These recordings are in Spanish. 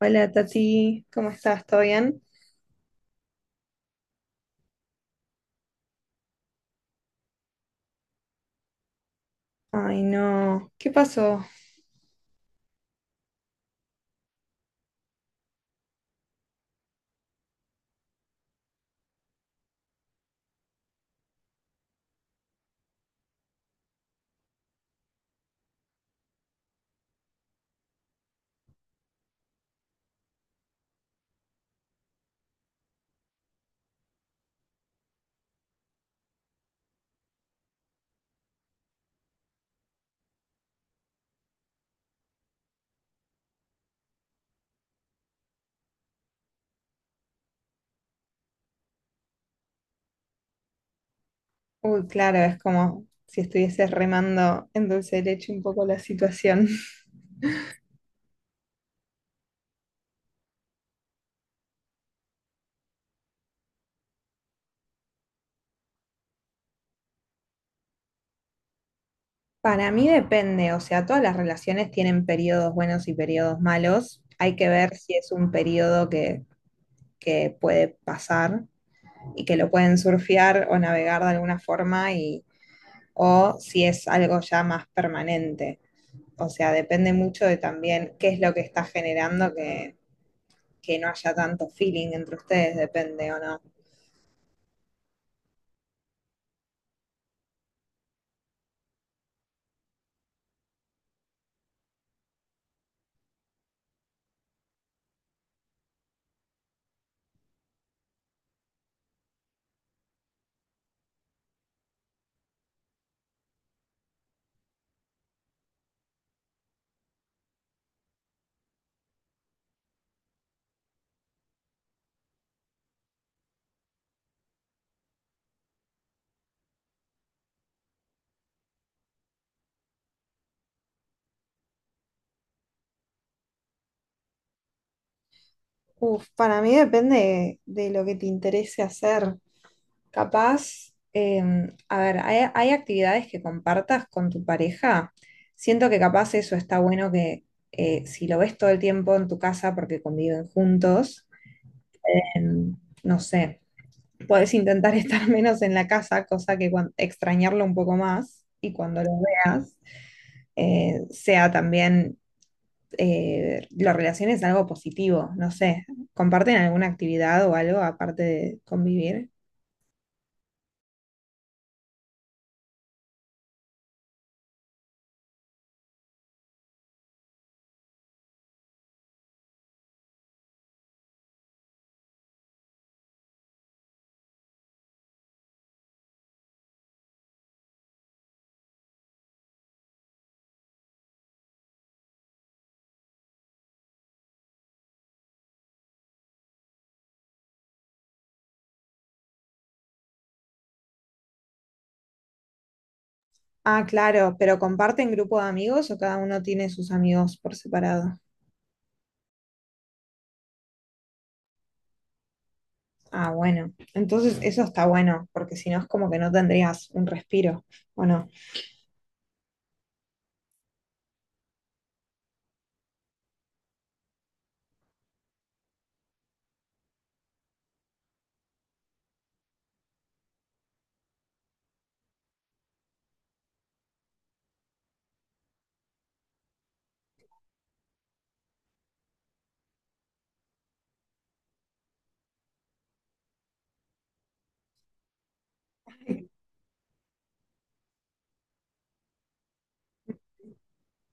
Hola Tati, ¿cómo estás? ¿Todo bien? Ay, no, ¿qué pasó? Uy, claro, es como si estuvieses remando en dulce de leche un poco la situación. Para mí depende, o sea, todas las relaciones tienen periodos buenos y periodos malos. Hay que ver si es un periodo que puede pasar y que lo pueden surfear o navegar de alguna forma y, o si es algo ya más permanente. O sea, depende mucho de también qué es lo que está generando que no haya tanto feeling entre ustedes, depende o no. Uf, para mí depende de lo que te interese hacer. Capaz, a ver, hay actividades que compartas con tu pareja. Siento que capaz eso está bueno que si lo ves todo el tiempo en tu casa porque conviven juntos, em, no sé, podés intentar estar menos en la casa, cosa que extrañarlo un poco más y cuando lo veas sea también lo relaciones a algo positivo, no sé, ¿comparten alguna actividad o algo aparte de convivir? Ah, claro, pero ¿comparten grupo de amigos o cada uno tiene sus amigos por separado? Ah, bueno, entonces eso está bueno, porque si no es como que no tendrías un respiro, ¿o no?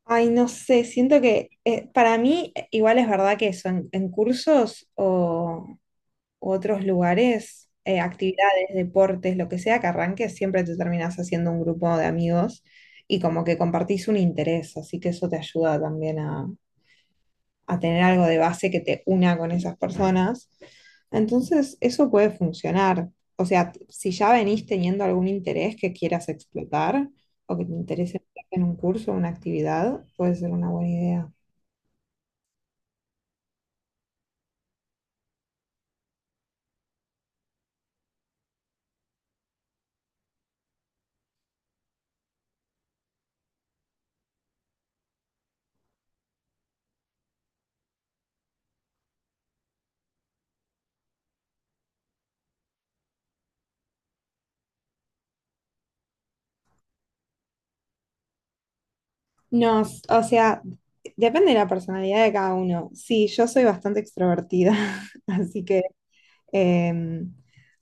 Ay, no sé, siento que para mí igual es verdad que eso, en cursos o, u otros lugares, actividades, deportes, lo que sea que arranques, siempre te terminas haciendo un grupo de amigos y como que compartís un interés, así que eso te ayuda también a tener algo de base que te una con esas personas. Entonces, eso puede funcionar. O sea, si ya venís teniendo algún interés que quieras explotar o que te interese en un curso, una actividad, puede ser una buena idea. No, o sea, depende de la personalidad de cada uno. Sí, yo soy bastante extrovertida, así que em,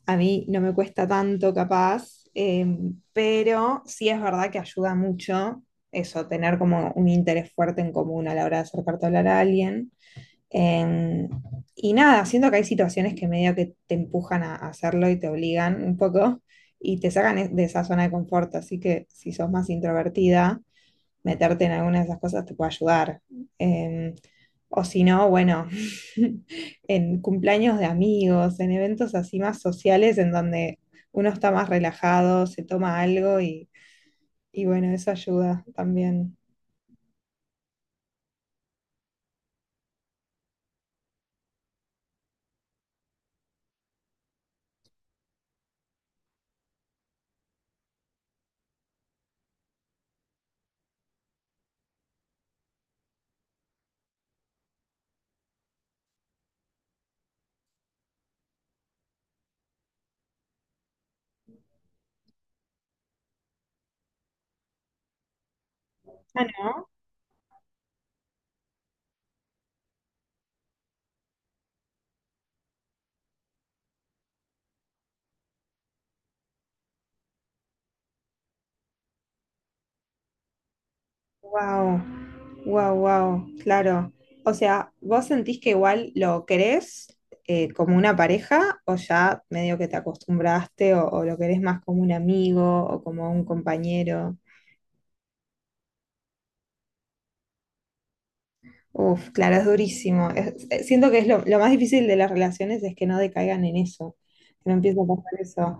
a mí no me cuesta tanto capaz, pero sí es verdad que ayuda mucho eso, tener como un interés fuerte en común a la hora de acercarte a hablar a alguien. Em, y nada, siento que hay situaciones que medio que te empujan a hacerlo y te obligan un poco y te sacan de esa zona de confort, así que si sos más introvertida meterte en alguna de esas cosas te puede ayudar. Eh, o si no, bueno, en cumpleaños de amigos, en eventos así más sociales en donde uno está más relajado, se toma algo y bueno, eso ayuda también. Ah, ¿no? Wow, wow, wow, claro. O sea, ¿vos sentís que igual lo querés como una pareja o ya medio que te acostumbraste o lo querés más como un amigo o como un compañero? Uf, claro, es durísimo. Siento que es lo más difícil de las relaciones es que no decaigan en eso, que no empiece a pasar eso.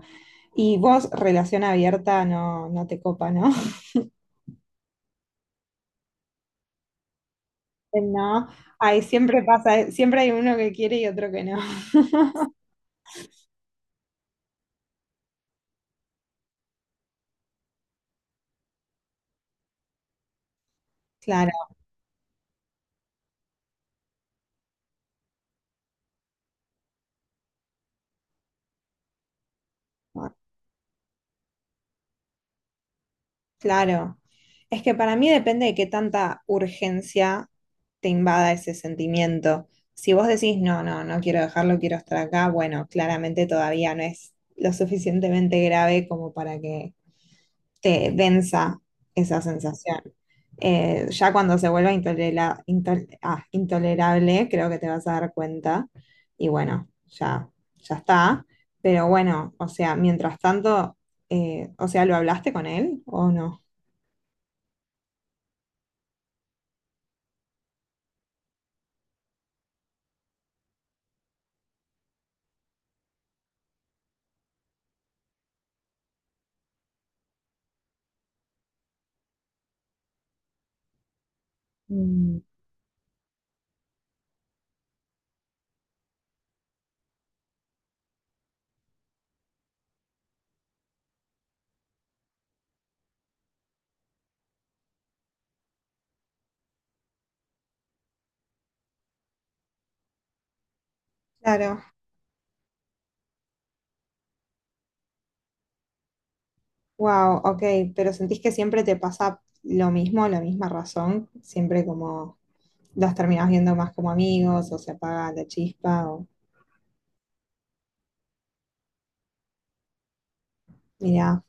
Y vos, relación abierta, no, no te copa, ¿no? No, ay, siempre pasa, siempre hay uno que quiere y otro que no. Claro, claro. Es que para mí depende de qué tanta urgencia te invada ese sentimiento. Si vos decís, no, no, no quiero dejarlo, quiero estar acá, bueno, claramente todavía no es lo suficientemente grave como para que te densa esa sensación. Ya cuando se vuelva intolerable, creo que te vas a dar cuenta. Y bueno, ya está. Pero bueno, o sea, mientras tanto, o sea, ¿lo hablaste con él o no? Mm. Claro, wow, ok, pero ¿sentís que siempre te pasa lo mismo, la misma razón? Siempre como los terminás viendo más como amigos o se apaga la chispa o mirá.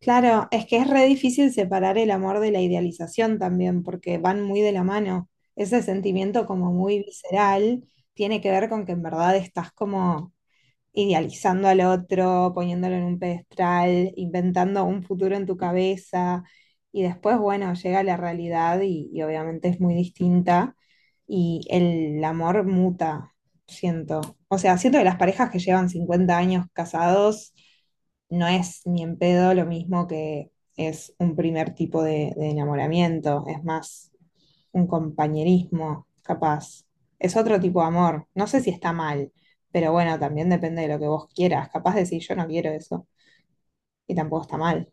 Claro, es que es re difícil separar el amor de la idealización también, porque van muy de la mano. Ese sentimiento como muy visceral tiene que ver con que en verdad estás como idealizando al otro, poniéndolo en un pedestal, inventando un futuro en tu cabeza y después, bueno, llega la realidad y obviamente es muy distinta y el amor muta, siento. O sea, siento que las parejas que llevan 50 años casados no es ni en pedo lo mismo que es un primer tipo de enamoramiento, es más un compañerismo, capaz. Es otro tipo de amor. No sé si está mal, pero bueno, también depende de lo que vos quieras. Capaz decir yo no quiero eso y tampoco está mal.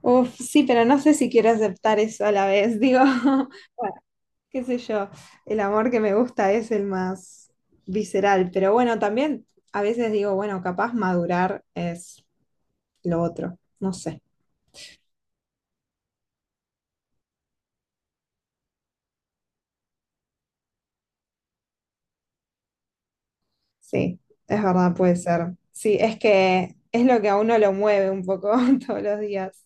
Uf, sí, pero no sé si quiero aceptar eso a la vez. Digo, bueno, qué sé yo, el amor que me gusta es el más visceral, pero bueno, también a veces digo, bueno, capaz madurar es lo otro. No sé. Sí, es verdad, puede ser. Sí, es que es lo que a uno lo mueve un poco todos los días.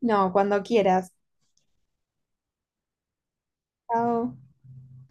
No, cuando quieras. Chao.